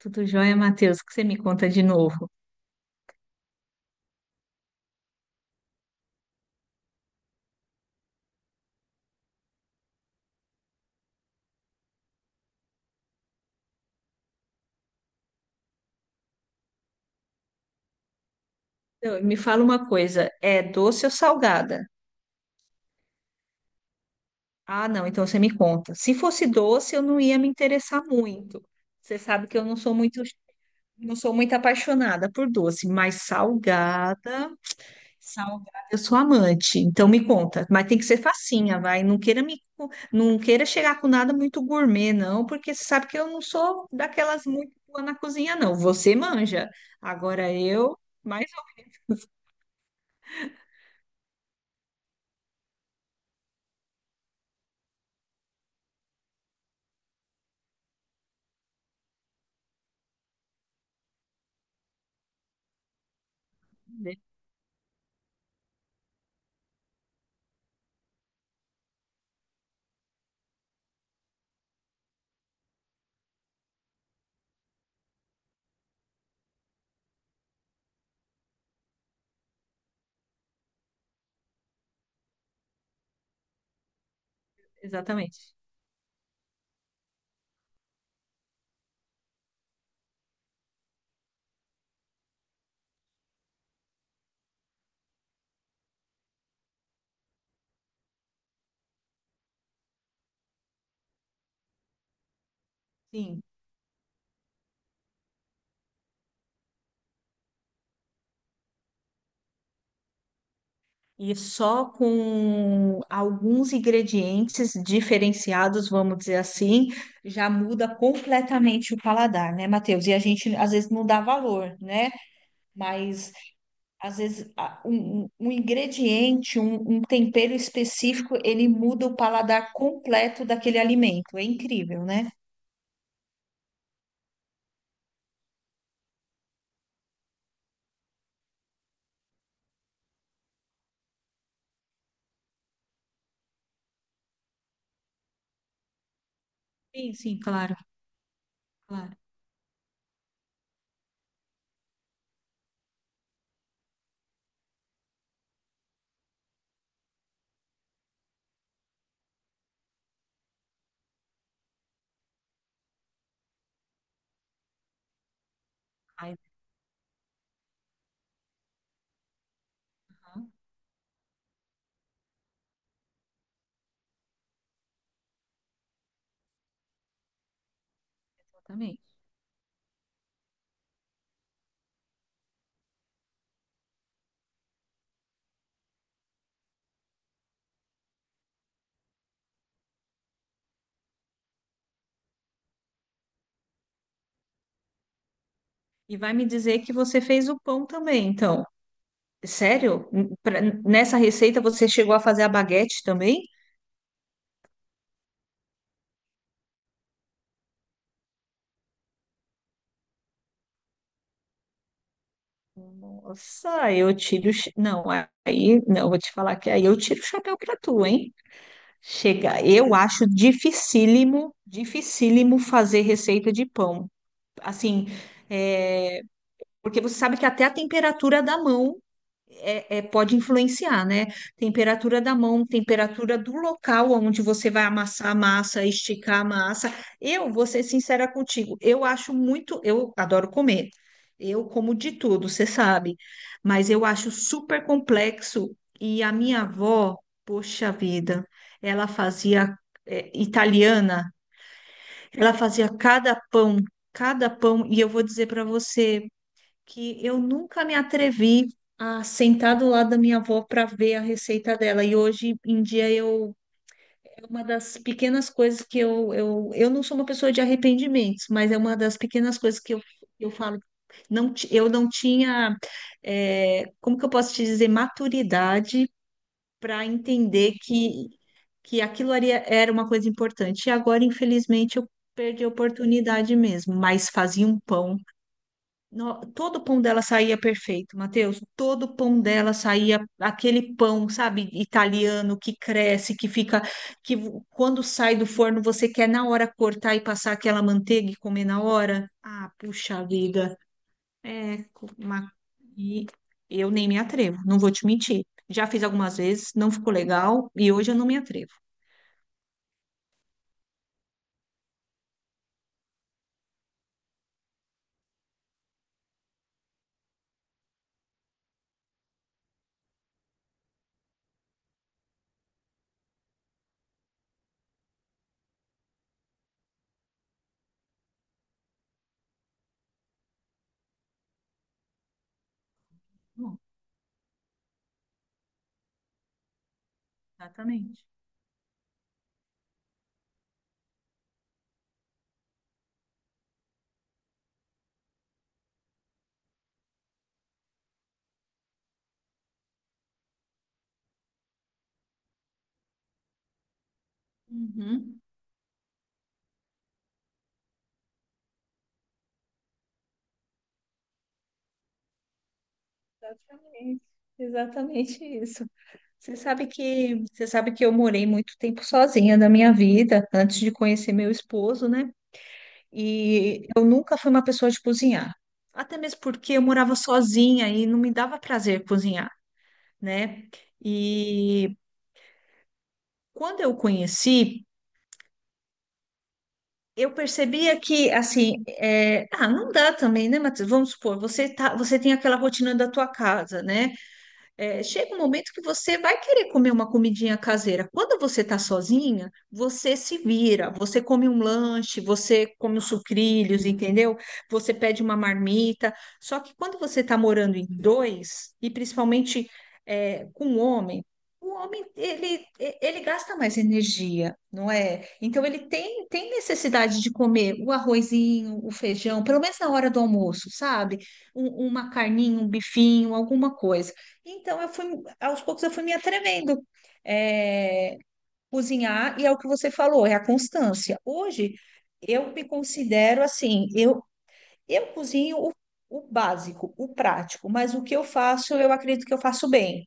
Tudo jóia, Matheus? O que você me conta de novo? Então, me fala uma coisa, é doce ou salgada? Ah, não, então você me conta. Se fosse doce, eu não ia me interessar muito. Você sabe que eu não sou muito, não sou muito apaixonada por doce, mas salgada, salgada, eu sou amante. Então me conta, mas tem que ser facinha, vai. Não queira chegar com nada muito gourmet, não, porque você sabe que eu não sou daquelas muito boa na cozinha, não. Você manja. Agora eu, mais ou menos. Exatamente. Sim. E só com alguns ingredientes diferenciados, vamos dizer assim, já muda completamente o paladar, né, Matheus? E a gente às vezes não dá valor, né? Mas às vezes um ingrediente, um tempero específico, ele muda o paladar completo daquele alimento. É incrível, né? Sim, sim, claro, claro. Aí, tá, exatamente. E vai me dizer que você fez o pão também, então. Sério? Nessa receita você chegou a fazer a baguete também? Nossa, eu tiro. O cha- Não, aí, não, vou te falar que aí eu tiro o chapéu pra tu, hein? Chega, eu acho dificílimo, dificílimo fazer receita de pão. Assim, é, porque você sabe que até a temperatura da mão pode influenciar, né? Temperatura da mão, temperatura do local onde você vai amassar a massa, esticar a massa. Eu vou ser sincera contigo, eu acho muito, eu adoro comer. Eu como de tudo, você sabe, mas eu acho super complexo. E a minha avó, poxa vida, ela fazia é, italiana, ela fazia cada pão, e eu vou dizer para você que eu nunca me atrevi a sentar do lado da minha avó para ver a receita dela. E hoje em dia eu é uma das pequenas coisas que eu não sou uma pessoa de arrependimentos, mas é uma das pequenas coisas que eu falo. Eu não tinha, é, como que eu posso te dizer, maturidade para entender que aquilo ali era uma coisa importante. E agora, infelizmente, eu perdi a oportunidade mesmo. Mas fazia um pão. Todo o pão dela saía perfeito, Matheus. Todo o pão dela saía aquele pão, sabe, italiano que cresce, que fica, quando sai do forno você quer na hora cortar e passar aquela manteiga e comer na hora. Ah, puxa vida. É, co- uma... e eu nem me atrevo, não vou te mentir. Já fiz algumas vezes, não ficou legal e hoje eu não me atrevo. Bom, exatamente. Uhum. Exatamente, exatamente isso. Você sabe que eu morei muito tempo sozinha na minha vida, antes de conhecer meu esposo, né? E eu nunca fui uma pessoa de cozinhar. Até mesmo porque eu morava sozinha e não me dava prazer cozinhar, né? E quando eu conheci, eu percebia que, assim, é, ah, não dá também, né, Matheus? Vamos supor, você tá, você tem aquela rotina da tua casa, né? É, chega um momento que você vai querer comer uma comidinha caseira. Quando você está sozinha, você se vira, você come um lanche, você come os sucrilhos, entendeu? Você pede uma marmita. Só que quando você está morando em dois, e principalmente é, com um homem, o homem ele, ele gasta mais energia, não é? Então ele tem, tem necessidade de comer o arrozinho, o feijão, pelo menos na hora do almoço, sabe? Uma carninha, um bifinho, alguma coisa. Então, eu fui, aos poucos eu fui me atrevendo. É, cozinhar, e é o que você falou, é a constância. Hoje, eu me considero assim, eu cozinho o básico, o prático, mas o que eu faço, eu acredito que eu faço bem.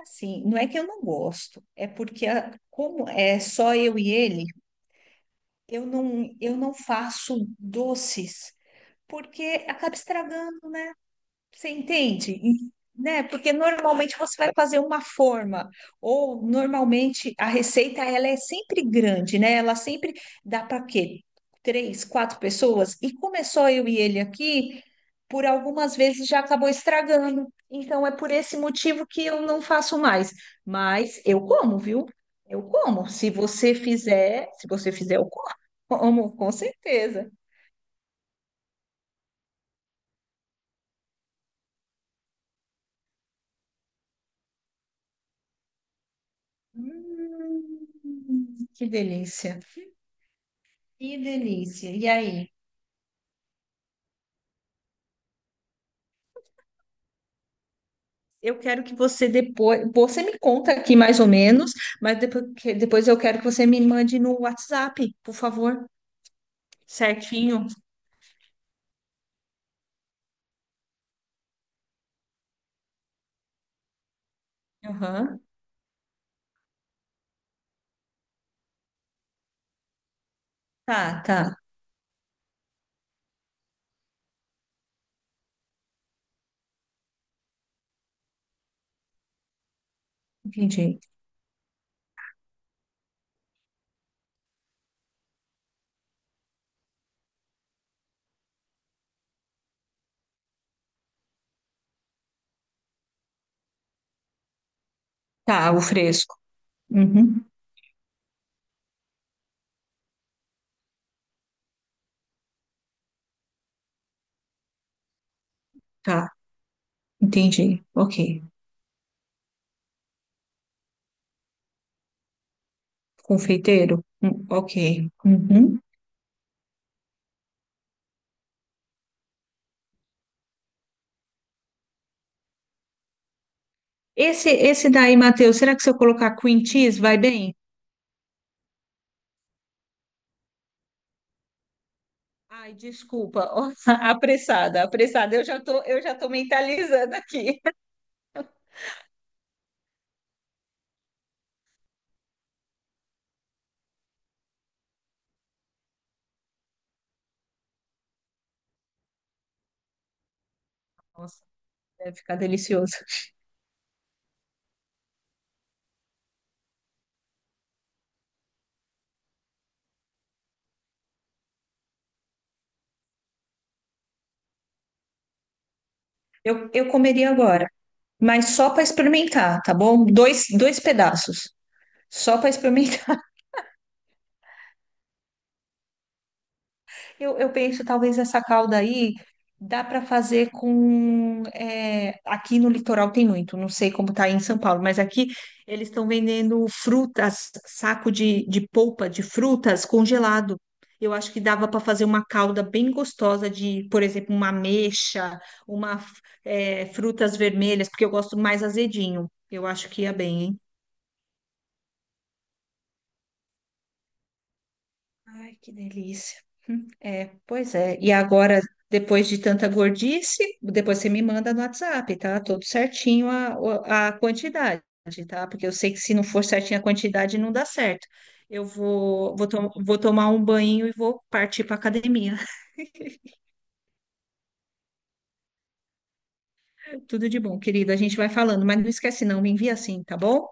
Assim, não é que eu não gosto, é porque como é só eu e ele, eu não faço doces, porque acaba estragando. Você entende? E, né? Porque normalmente você vai fazer uma forma, ou normalmente a receita ela é sempre grande, né? Ela sempre dá para quê? Três, quatro pessoas, e começou eu e ele aqui, por algumas vezes já acabou estragando. Então é por esse motivo que eu não faço mais. Mas eu como, viu? Eu como. Se você fizer, se você fizer, eu como, como, com certeza. Hum, que delícia. Que delícia. E aí? Eu quero que você depois, você me conta aqui mais ou menos, mas depois, depois eu quero que você me mande no WhatsApp, por favor. Certinho. Aham. Tá, tá. Entendi. Tá, o fresco. Uhum. Tá, entendi. Ok. Confeiteiro? Ok. Uhum. Esse daí, Matheus, será que se eu colocar cream cheese vai bem? Ai, desculpa. Ó, apressada, apressada. Eu já tô mentalizando aqui. Nossa, deve ficar delicioso. Eu comeria agora, mas só para experimentar, tá bom? Dois pedaços, só para experimentar. Eu penso, talvez essa calda aí dá para fazer com. É, aqui no litoral tem muito, não sei como tá aí em São Paulo, mas aqui eles estão vendendo frutas, saco de polpa de frutas congelado. Eu acho que dava para fazer uma calda bem gostosa de, por exemplo, uma ameixa, uma, é, frutas vermelhas, porque eu gosto mais azedinho. Eu acho que ia bem, hein? Ai, que delícia. É, pois é. E agora, depois de tanta gordice, depois você me manda no WhatsApp, tá? Tudo certinho a, o- A quantidade, tá? Porque eu sei que se não for certinho a quantidade, não dá certo. Eu vou, vou, to- Vou tomar um banho e vou partir para academia. Tudo de bom, querida. A gente vai falando, mas não esquece não, me envia assim, tá bom?